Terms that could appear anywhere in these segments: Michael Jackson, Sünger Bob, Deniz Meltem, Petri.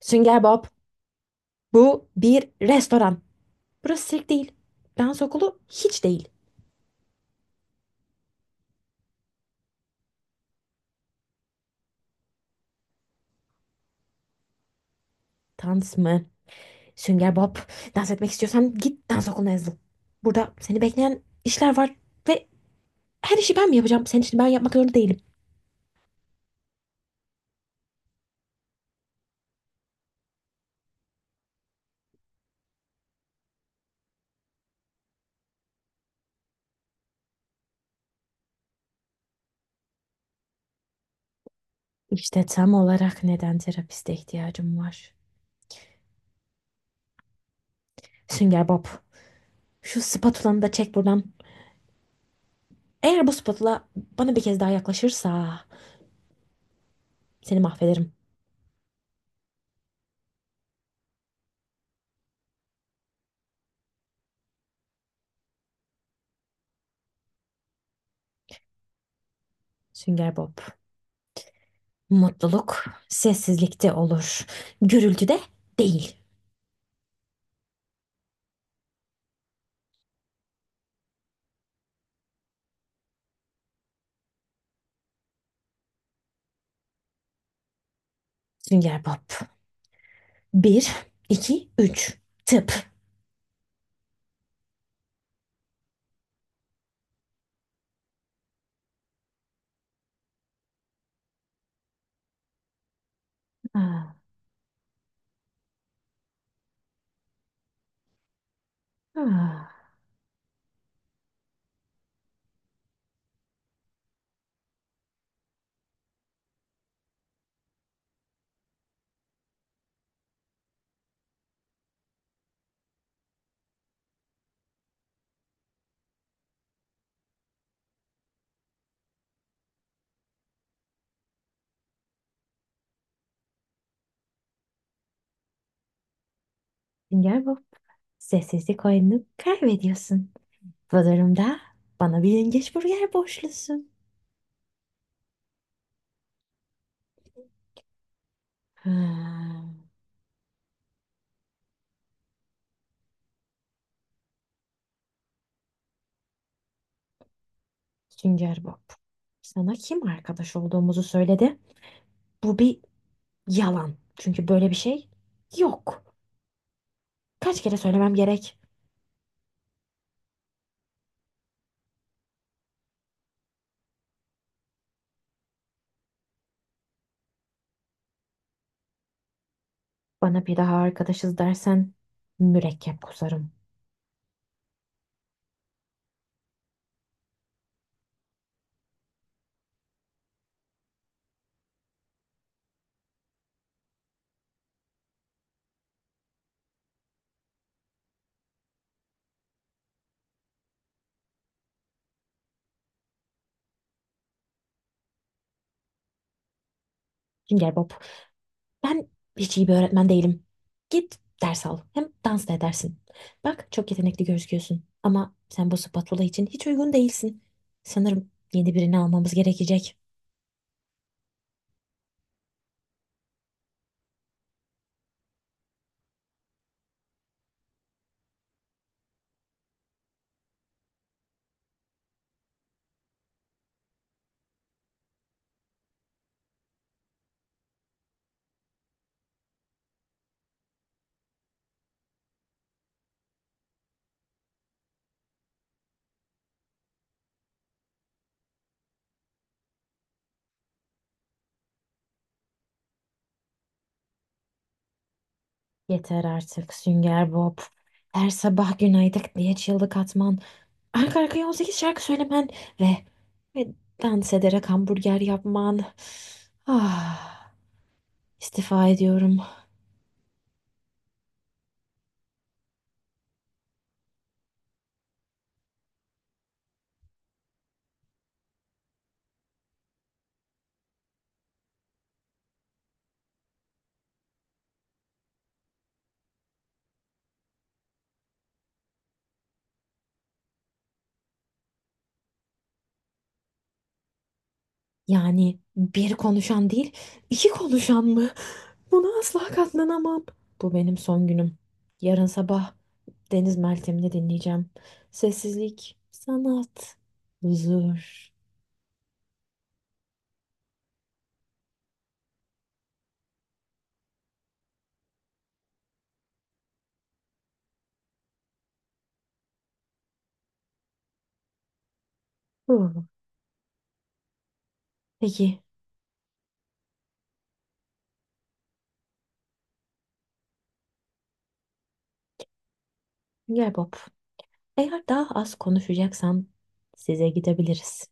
Sünger Bob, bu bir restoran. Burası sirk değil. Dans okulu hiç değil. Dans mı? Sünger Bob, dans etmek istiyorsan git dans okuluna yazıl. Burada seni bekleyen işler var ve her işi ben mi yapacağım? Senin için ben yapmak zorunda değilim. İşte tam olarak neden terapiste ihtiyacım var. Sünger Bob, şu spatulanı da çek buradan. Eğer bu spatula bana bir kez daha yaklaşırsa seni mahvederim. Sünger Bob, mutluluk sessizlikte olur, gürültüde değil. Sünger Bob. Bir, iki, üç. Tıp. Ah, ah. Sünger Bob. Sessizlik oyununu kaybediyorsun. Bu durumda bana bir yengeç burger borçlusun. Ah, Sünger Bob. Sana kim arkadaş olduğumuzu söyledi? Bu bir yalan. Çünkü böyle bir şey yok. Kaç kere söylemem gerek? Bana bir daha arkadaşız dersen mürekkep kusarım. Sünger Bob. Ben hiç iyi bir öğretmen değilim. Git ders al. Hem dans da edersin. Bak çok yetenekli gözüküyorsun. Ama sen bu spatula için hiç uygun değilsin. Sanırım yeni birini almamız gerekecek. Yeter artık Sünger Bob. Her sabah günaydın diye çığlık atman. Arka arkaya 18 şarkı söylemen. Ve, ve dans ederek hamburger yapman. Ah, istifa ediyorum. Yani bir konuşan değil, iki konuşan mı? Buna asla katlanamam. Bu benim son günüm. Yarın sabah Deniz Meltem'ini dinleyeceğim. Sessizlik, sanat, huzur. Huh. Peki, gel Bob. Eğer daha az konuşacaksan size gidebiliriz.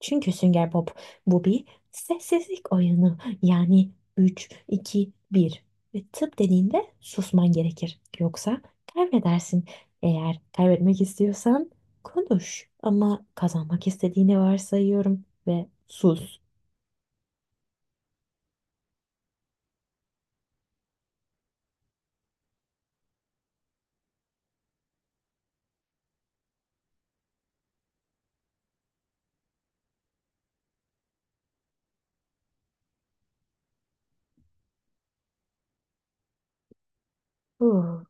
Çünkü Sünger Bob bu bir sessizlik oyunu. Yani üç iki bir ve tıp dediğinde susman gerekir. Yoksa kaybedersin. Eğer kaybetmek istiyorsan konuş. Ama kazanmak istediğini varsayıyorum ve sus. Huh.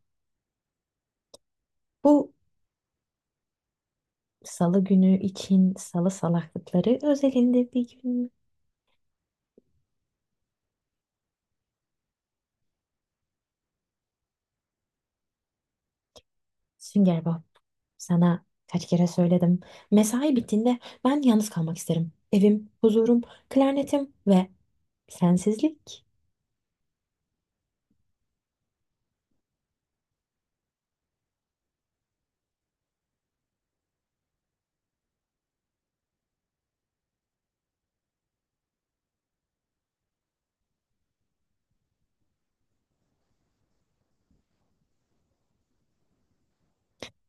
Bu salı günü için salı salaklıkları özelinde bir gün. Sünger Bob, sana kaç kere söyledim. Mesai bittiğinde ben yalnız kalmak isterim. Evim, huzurum, klarnetim ve sensizlik.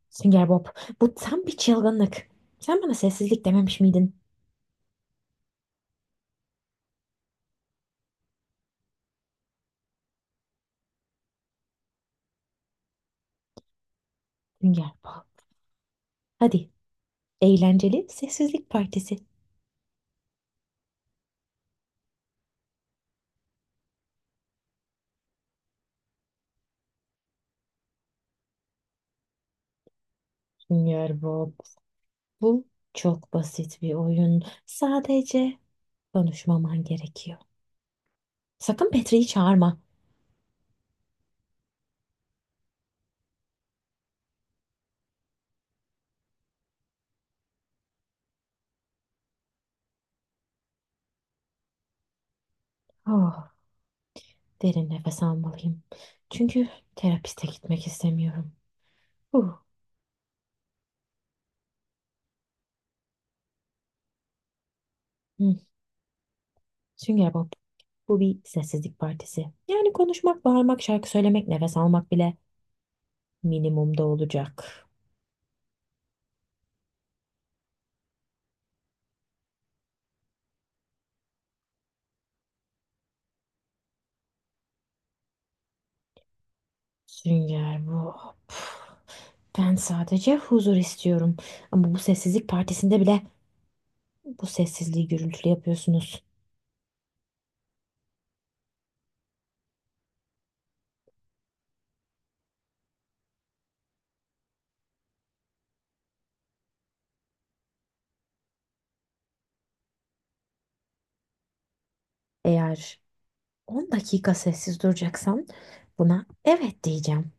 Sünger Bob, bu tam bir çılgınlık. Sen bana sessizlik dememiş miydin? Sünger Bob. Hadi, eğlenceli sessizlik partisi. Sünger Bob, bu çok basit bir oyun. Sadece konuşmaman gerekiyor. Sakın Petri'yi çağırma. Oh, derin nefes almalıyım. Çünkü terapiste gitmek istemiyorum. Huh. Hmm. Sünger Bob. Bu bir sessizlik partisi. Yani konuşmak, bağırmak, şarkı söylemek, nefes almak bile minimumda olacak. Sünger Bob. Ben sadece huzur istiyorum. Ama bu sessizlik partisinde bile bu sessizliği gürültülü yapıyorsunuz. Eğer 10 dakika sessiz duracaksan buna evet diyeceğim.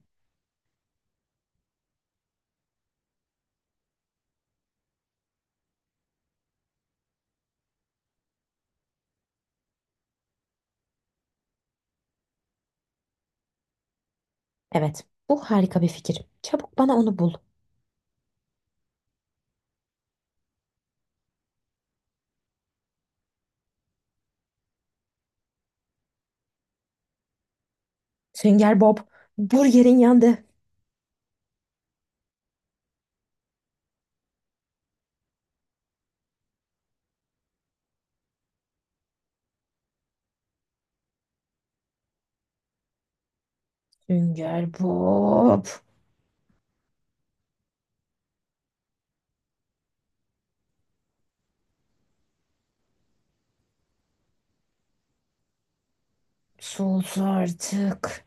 Evet, bu harika bir fikir. Çabuk bana onu bul. Sünger Bob, burgerin yandı. Sünger Bob, sus artık.